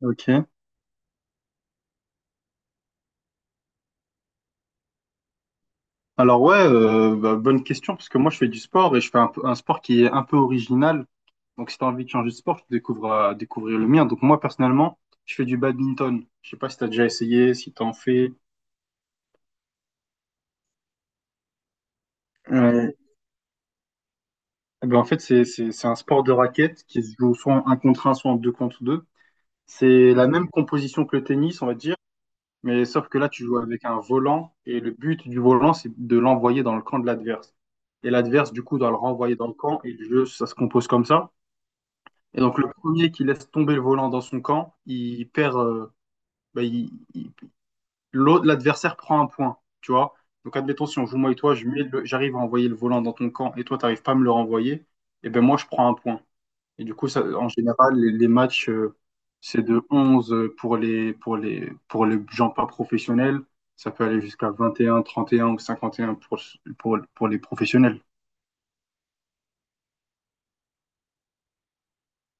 Ok. Alors ouais, bah, bonne question parce que moi je fais du sport et je fais un sport qui est un peu original. Donc si t'as envie de changer de sport, tu découvres à découvrir le mien. Donc moi personnellement, je fais du badminton. Je sais pas si t'as déjà essayé, si t'en fais. Euh, eh ben, en fait, c'est un sport de raquette qui se joue soit en 1 contre un soit en 2 contre 2. C'est la même composition que le tennis, on va dire, mais sauf que là tu joues avec un volant et le but du volant c'est de l'envoyer dans le camp de l'adverse. Et l'adverse du coup doit le renvoyer dans le camp et le jeu ça se compose comme ça. Et donc le premier qui laisse tomber le volant dans son camp, il perd. Bah, l'adversaire prend un point, tu vois. Donc admettons si on joue moi et toi, j'arrive à envoyer le volant dans ton camp et toi t'arrives pas à me le renvoyer, et ben moi je prends un point. Et du coup ça, en général les matchs c'est de 11 pour les gens pas professionnels. Ça peut aller jusqu'à 21, 31 ou 51 pour les professionnels.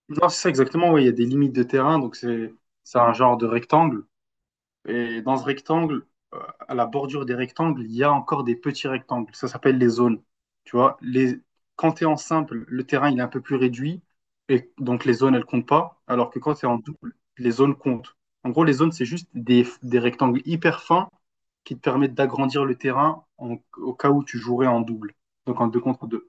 Non, c'est ça exactement, ouais, il y a des limites de terrain, donc c'est un genre de rectangle. Et dans ce rectangle, euh, à la bordure des rectangles, il y a encore des petits rectangles. Ça s'appelle les zones. Tu vois, quand tu es en simple, le terrain il est un peu plus réduit. Et donc les zones, elles comptent pas. Alors que quand tu es en double, les zones comptent. En gros, les zones, c'est juste des rectangles hyper fins qui te permettent d'agrandir le terrain au cas où tu jouerais en double. Donc en deux contre 2.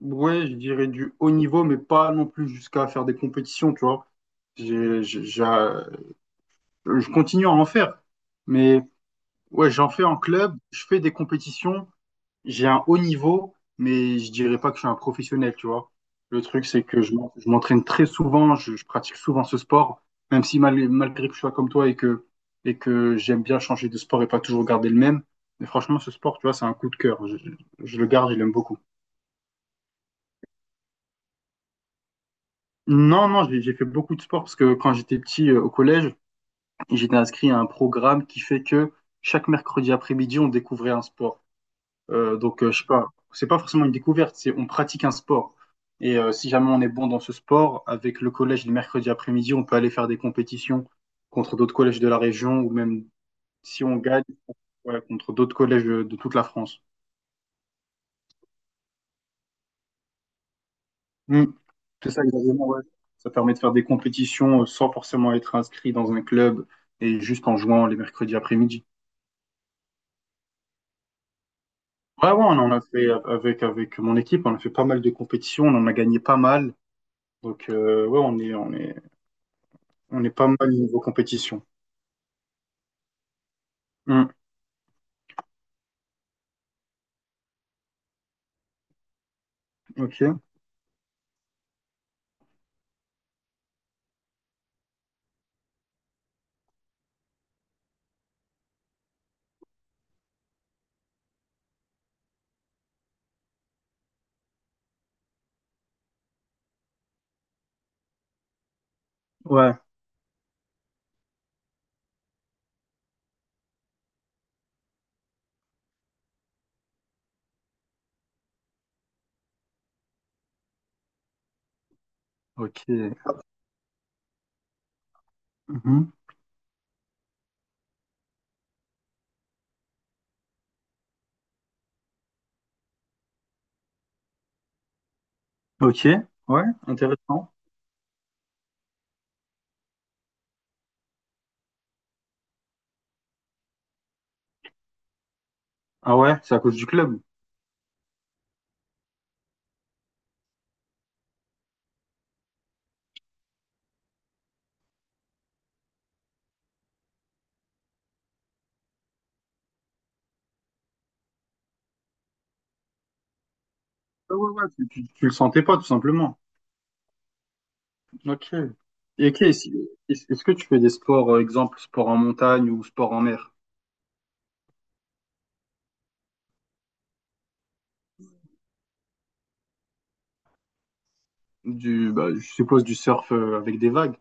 Ouais, je dirais du haut niveau, mais pas non plus jusqu'à faire des compétitions, tu vois. J'ai j'ai- j'ai- Je continue à en faire. Mais ouais, j'en fais en club, je fais des compétitions, j'ai un haut niveau, mais je dirais pas que je suis un professionnel, tu vois. Le truc, c'est que je m'entraîne très souvent, je pratique souvent ce sport, même si malgré que je sois comme toi et que j'aime bien changer de sport et pas toujours garder le même. Mais franchement, ce sport, tu vois, c'est un coup de cœur. Je le garde, je l'aime beaucoup. Non, non, j'ai fait beaucoup de sport parce que quand j'étais petit, au collège, j'étais inscrit à un programme qui fait que chaque mercredi après-midi, on découvrait un sport. Je sais pas, c'est pas forcément une découverte, c'est on pratique un sport. Et si jamais on est bon dans ce sport, avec le collège le mercredi après-midi, on peut aller faire des compétitions contre d'autres collèges de la région ou même si on gagne, ouais, contre d'autres collèges de toute la France. Mm. C'est ça, exactement, ouais. Ça permet de faire des compétitions sans forcément être inscrit dans un club et juste en jouant les mercredis après-midi. Ouais, ouais, on en a fait avec mon équipe, on a fait pas mal de compétitions, on en a gagné pas mal. Donc, ouais, on est pas mal niveau compétition. Hmm. Ok. Ouais. Ok. Mhm. Ok. Ouais. Intéressant. Ah ouais, c'est à cause du club. Ah ouais, ouais, tu le sentais pas, tout simplement. Ok. Et ok, est-ce que tu fais des sports, exemple, sport en montagne ou sport en mer? Bah, je suppose du surf avec des vagues.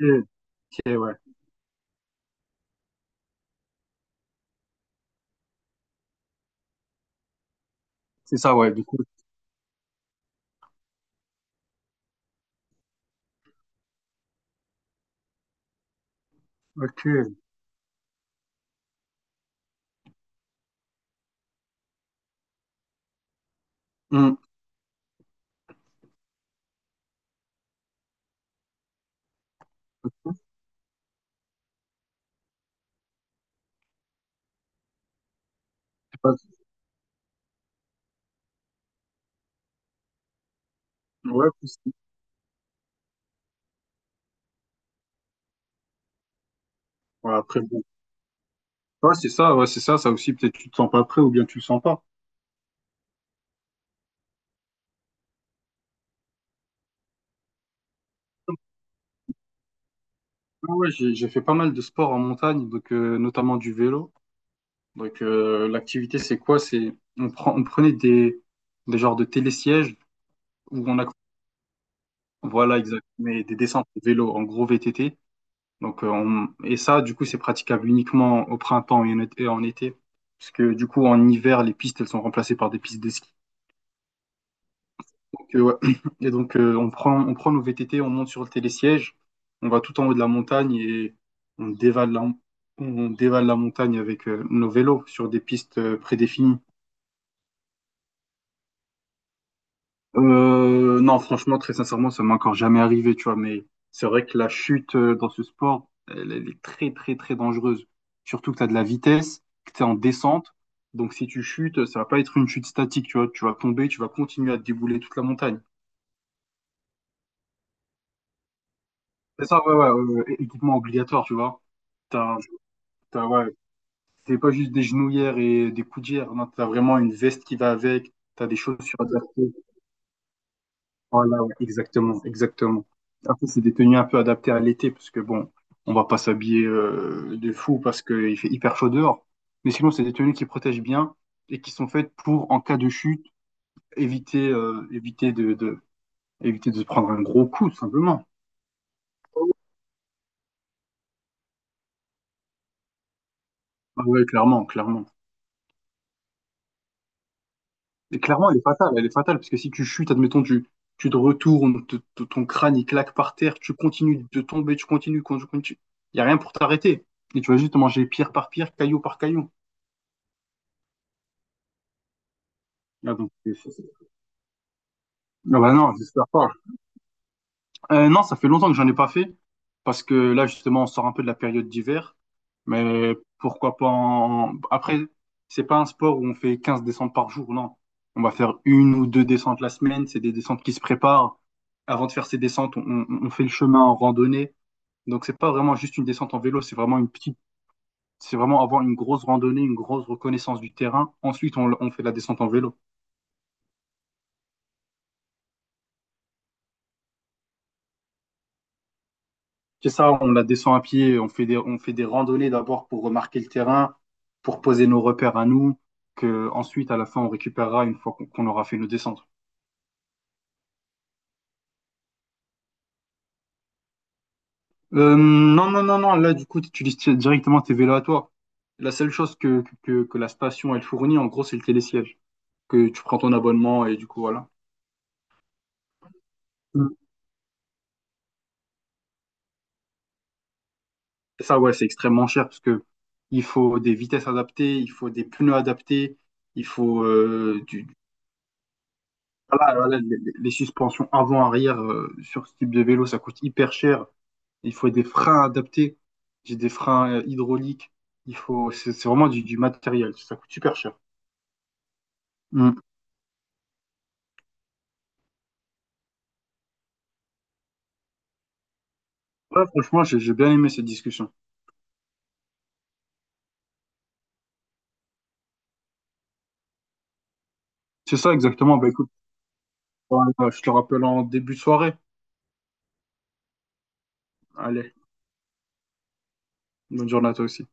Ok, ok, ouais. C'est ça, ouais, du coup. Ok. Hmm, c'est pas- Ouais, ouais, après, bon. Ouais, c'est ça, ça aussi, peut-être tu te sens pas prêt ou bien tu le sens pas. Ouais, ouais, j'ai fait pas mal de sport en montagne, donc notamment du vélo. Donc l'activité c'est quoi? C'est on prenait des genres de télésièges où on a, voilà, exact, mais des descentes de vélo en gros VTT. Donc et ça du coup c'est praticable uniquement au printemps et en été, parce que du coup en hiver les pistes elles sont remplacées par des pistes de ski. Ouais. Et donc, on prend, nos VTT, on monte sur le télésiège, on va tout en haut de la montagne et on dévale la, on dévale la montagne avec nos vélos sur des pistes prédéfinies. Non, franchement, très sincèrement, ça m'est encore jamais arrivé, tu vois, mais c'est vrai que la chute, dans ce sport, elle est très, très, très dangereuse. Surtout que tu as de la vitesse, que tu es en descente. Donc, si tu chutes, ça va pas être une chute statique, tu vois. Tu vas tomber, tu vas continuer à te débouler toute la montagne. C'est ça, ouais, ouais, ouais, ouais, équipement obligatoire, tu vois. T'as, ouais, c'est pas juste des genouillères et des coudières, non, t'as vraiment une veste qui va avec, t'as des chaussures adaptées. Voilà, ouais, exactement, exactement. Après, c'est des tenues un peu adaptées à l'été, parce que bon, on va pas s'habiller de fou parce qu'il fait hyper chaud dehors. Mais sinon, c'est des tenues qui protègent bien et qui sont faites pour, en cas de chute, éviter, euh, éviter de, de, éviter de se prendre un gros coup, tout simplement. Ah ouais, clairement, clairement. Et clairement, elle est fatale, parce que si tu chutes, admettons, tu te retournes, ton crâne il claque par terre, tu continues de tomber, tu continues, tu continues. Il n'y a rien pour t'arrêter. Et tu vas juste manger pierre par pierre, caillou par caillou. Ah, donc, c'est- c'est- non, bah non, j'espère pas. Non, ça fait longtemps que j'en ai pas fait, parce que là, justement, on sort un peu de la période d'hiver. Mais pourquoi pas. Après, c'est pas un sport où on fait 15 descentes par jour, non. On va faire une ou deux descentes la semaine, c'est des descentes qui se préparent. Avant de faire ces descentes, on fait le chemin en randonnée. Donc, c'est pas vraiment juste une descente en vélo, c'est vraiment une petite, c'est vraiment avoir une grosse randonnée, une grosse reconnaissance du terrain. Ensuite, on fait la descente en vélo. C'est ça, on la descend à pied, on fait on fait des randonnées d'abord pour remarquer le terrain, pour poser nos repères à nous, que ensuite à la fin on récupérera une fois qu'on aura fait nos descentes. Non, non, non, non, là du coup tu utilises directement tes vélos à toi. La seule chose que la station elle fournit en gros c'est le télésiège, que tu prends ton abonnement et du coup voilà. Mm. Et ça ouais c'est extrêmement cher parce que il faut des vitesses adaptées, il faut des pneus adaptés, il faut . Voilà, voilà, les suspensions avant-arrière sur ce type de vélo, ça coûte hyper cher. Il faut des freins adaptés. J'ai des freins hydrauliques. Il faut, c'est vraiment du matériel. Ça coûte super cher. Mm. Ouais, franchement, j'ai bien aimé cette discussion. C'est ça exactement. Bah écoute, je te rappelle en début de soirée. Allez, bonne journée à toi aussi.